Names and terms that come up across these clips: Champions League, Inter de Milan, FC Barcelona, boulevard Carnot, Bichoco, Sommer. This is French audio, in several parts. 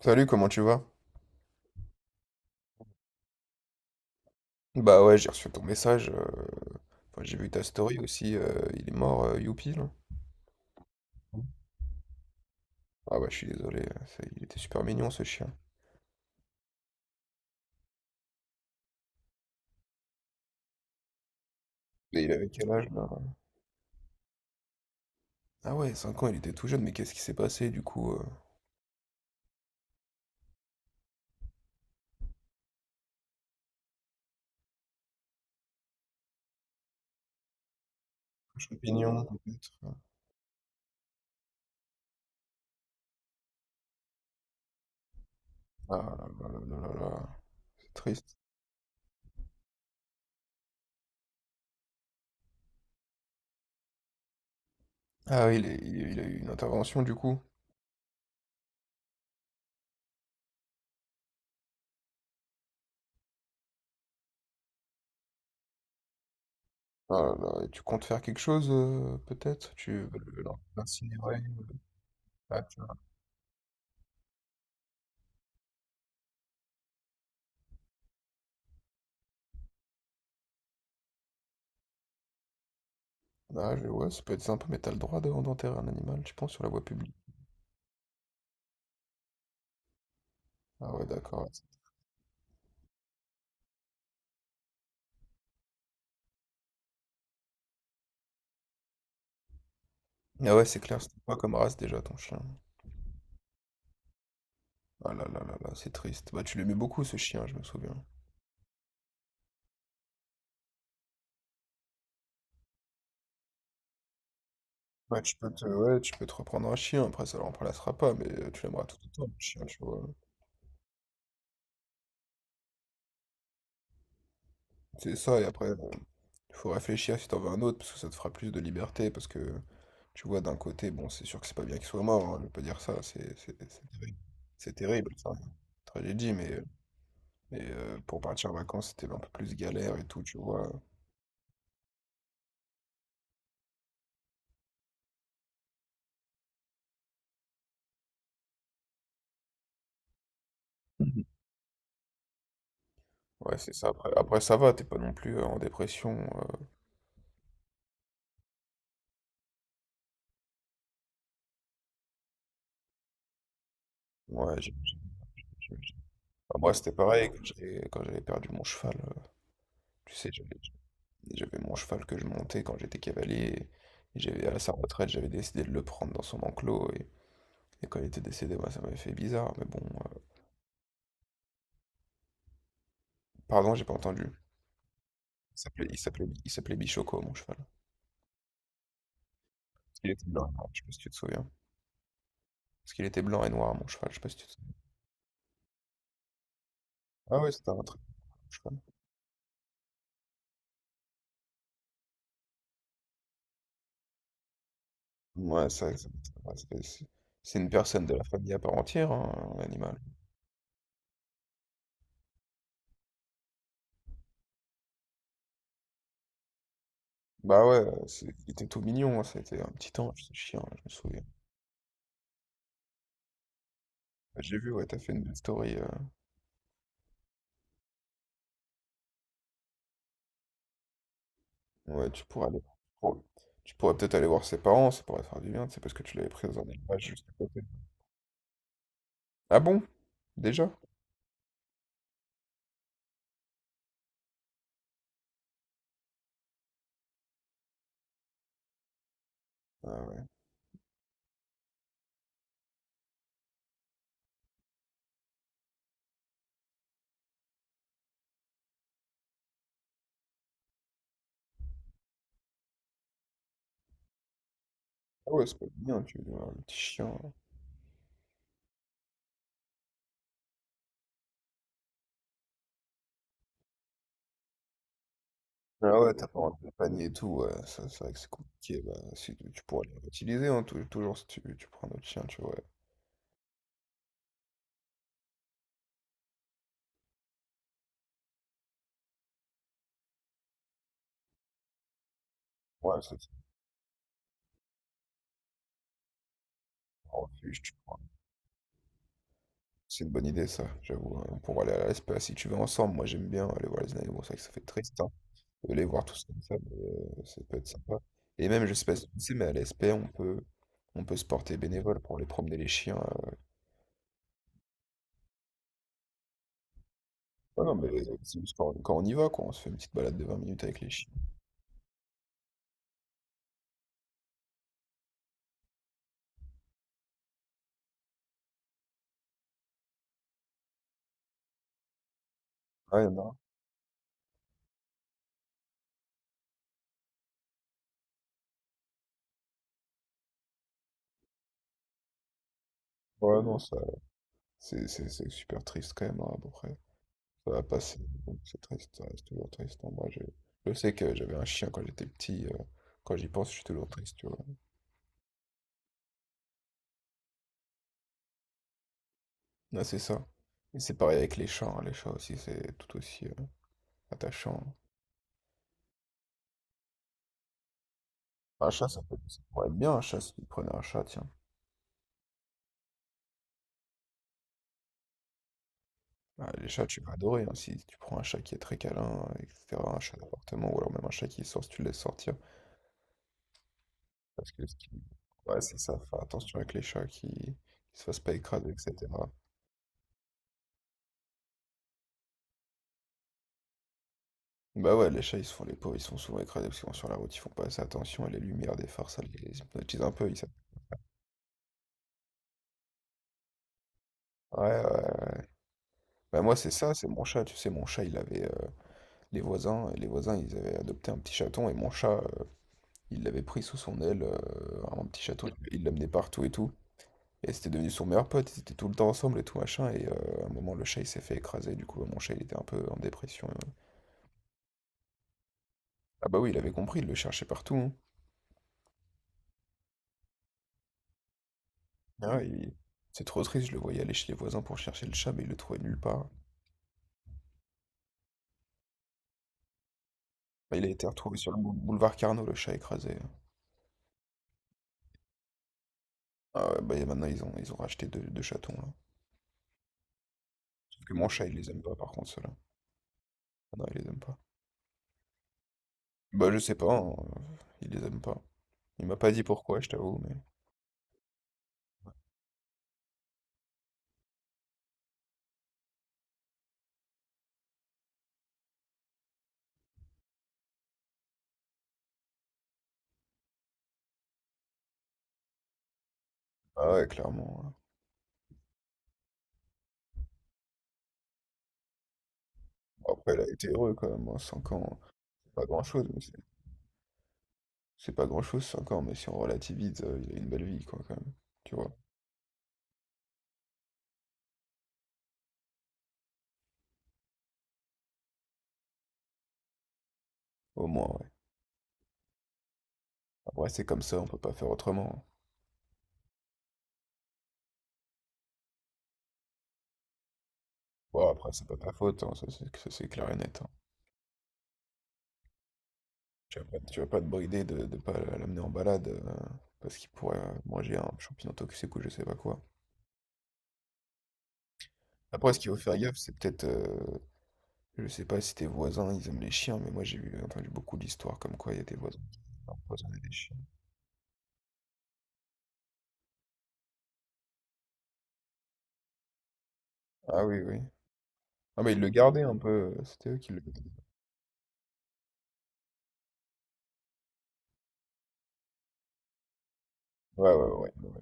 Salut, comment tu vas? Bah ouais, j'ai reçu ton message. Enfin, j'ai vu ta story aussi. Il est mort, Youpi, là. Ah bah, je suis désolé. Il était super mignon, ce chien. Et il avait quel âge, là? Ah ouais, 5 ans, il était tout jeune, mais qu'est-ce qui s'est passé, du coup? Un champignon, peut-être? Ah là là là là là là. C'est triste. Ah oui, il a eu une intervention, du coup. Ah là là, et tu comptes faire quelque chose, peut-être? Tu veux l'incinérer? Ah, tiens. Ouais, ça peut être sympa, mais t'as le droit d'enterrer un animal, tu penses, sur la voie publique? Ah ouais, d'accord. Ah ouais, c'est clair, c'était quoi comme race déjà ton chien? Ah là là là là, c'est triste. Bah, tu l'aimais beaucoup, ce chien, je me souviens. Bah, ouais, tu peux te reprendre un chien, après ça le remplacera pas, mais tu l'aimeras tout autant, le chien, tu vois. C'est ça, et après, bon, faut réfléchir si t'en veux un autre, parce que ça te fera plus de liberté, parce que, tu vois, d'un côté, bon, c'est sûr que c'est pas bien qu'il soit mort, hein, je vais pas dire ça, c'est terrible. C'est terrible, ça, une tragédie, mais, pour partir en vacances, c'était un peu plus galère et tout, tu vois. Mhm. Ouais, c'est ça. Après, après, ça va, t'es pas non plus en dépression. Ouais, j'ai- Bah, moi, ouais, c'était pareil quand j'avais perdu mon cheval. Tu sais, j'avais mon cheval que je montais quand j'étais cavalier. Et, j'avais à sa retraite, j'avais décidé de le prendre dans son enclos. Et quand il était décédé, moi, ça m'avait fait bizarre. Mais bon, euh, pardon, j'ai pas entendu. Il s'appelait Bichoco, mon cheval. Parce qu'il était blanc, je sais pas si tu te souviens. Parce qu'il était blanc et noir, mon cheval, je sais pas si tu te souviens. Ah ouais, c'était un très bon cheval. Ouais, ça, ça- ouais, c'est c'est- c'est une personne de la famille à part entière, hein, un animal. Bah ouais, il était tout mignon, hein, c'était un petit ange, ce chien, je me souviens. Bah, j'ai vu, ouais, t'as fait une story. Ouais, tu pourrais aller. oh, Tu pourrais peut-être aller voir ses parents, ça pourrait faire du bien, c'est parce que tu l'avais pris dans un élevage juste à côté. Ah bon? Déjà? Ah ouais. Ah ouais, c'est pas bien, tu veux voir le petit chien, là. Ah ouais, t'as pas rentré le panier et tout, ouais, ça, c'est vrai que c'est compliqué. Bah, si, tu pourrais les réutiliser, hein, toujours si tu prends notre chien, tu vois. Ouais, c'est Un refuge, c'est une bonne idée, ça, j'avoue, hein, pour aller à la, si tu veux, ensemble, moi j'aime bien aller voir les animaux, c'est vrai que ça fait triste, hein, de les voir tous comme ça, mais ça peut être sympa. Et même, je sais pas si tu sais, mais à la, on peut, on peut se porter bénévole pour aller promener les chiens. Ouais, non, mais c'est juste quand on y va, quoi, on se fait une petite balade de vingt minutes avec les chiens. Ouais, non, ouais, non, ça, C'est c'est super triste quand même, hein, à peu près. Ça va passer, donc c'est triste, ça reste toujours triste, hein. Moi, je sais que j'avais un chien quand j'étais petit, quand j'y pense, je suis toujours triste, tu vois. Ouais, c'est ça. Et c'est pareil avec les chats, hein. Les chats aussi, c'est tout aussi attachant. Bah, un chat, ça pourrait être bien, un chat, si tu prenais un chat, tiens. Ah, les chats, tu vas adorer, hein. Si tu prends un chat qui est très câlin, etc., un chat d'appartement, ou alors même un chat qui sort si tu le laisses sortir. Parce que ce qui... Ouais, c'est ça, faire attention avec les chats qui se fassent pas écraser, etc. Bah ouais, les chats, ils se font, les pauvres, ils sont souvent écrasés parce qu'ils vont sur la route, ils font pas assez attention, et les lumières des phares, ça les hypnotise un peu, ils... savent- Ouais, ouais, ouais, ouais. Bah moi, c'est ça, c'est mon chat, tu sais, mon chat, il avait... les voisins, ils avaient adopté un petit chaton et mon chat, il l'avait pris sous son aile, un petit chaton, il l'amenait partout et tout. Et c'était devenu son meilleur pote, ils étaient tout le temps ensemble et tout machin. Et à un moment, le chat, il s'est fait écraser. Du coup, mon chat, il était un peu en dépression. Ah bah oui, il avait compris, il le cherchait partout, hein. Ah, ouais, il- C'est trop triste, je le voyais aller chez les voisins pour chercher le chat, mais il le trouvait nulle part. Bah, il a été retrouvé sur le boulevard Carnot, le chat écrasé, hein. Ah ouais, bah et maintenant, ils ont racheté deux chatons, là. Sauf que mon chat, il les aime pas, par contre, ceux-là. Ah non, il les aime pas. Bah, je sais pas, hein, il les aime pas. Il m'a pas dit pourquoi, je t'avoue, mais. Ah ouais, clairement, ouais. Bon, après, elle a été heureux quand même, cinq ans, c'est pas grand-chose, mais c'est pas grand-chose, cinq ans, mais si on relativise, il a une belle vie, quoi, quand même. Tu vois, au moins, ouais. Après, c'est comme ça, on peut pas faire autrement, hein. Bon, après, c'est pas ta faute, hein, c'est clair et net, hein. Tu vas pas te brider de pas l'amener en balade, parce qu'il pourrait manger un champignon toxique ou je sais pas quoi. Après, ce qu'il faut faire gaffe, c'est peut-être je sais pas si tes voisins, ils aiment les chiens, mais moi j'ai entendu beaucoup d'histoires comme quoi il y a des voisins qui empoisonnaient des chiens. Ah oui, oui. Ah, mais ils le gardaient un peu, c'était eux qui le gardaient. Ouais, ouais, ouais, ouais. Ouais,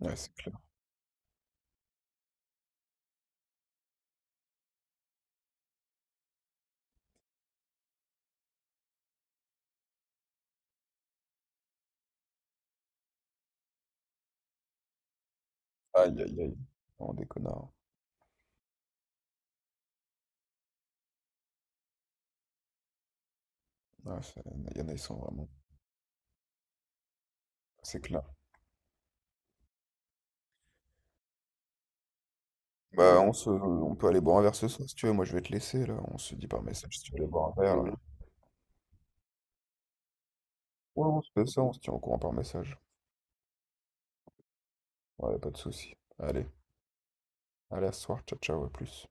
ouais, c'est clair. Aïe, aïe, aïe. Non, des connards. Ouais, ça- il y en a, ils sont vraiment... C'est clair. Bah, on se... on peut aller boire un verre ce soir, si tu veux. Moi, je vais te laisser, là. On se dit par message si tu veux aller boire un verre, là. Ouais, on se fait ça, on se tient au courant par message. Ouais, pas de souci. Allez, allez, à ce soir. Ciao, ciao, à plus.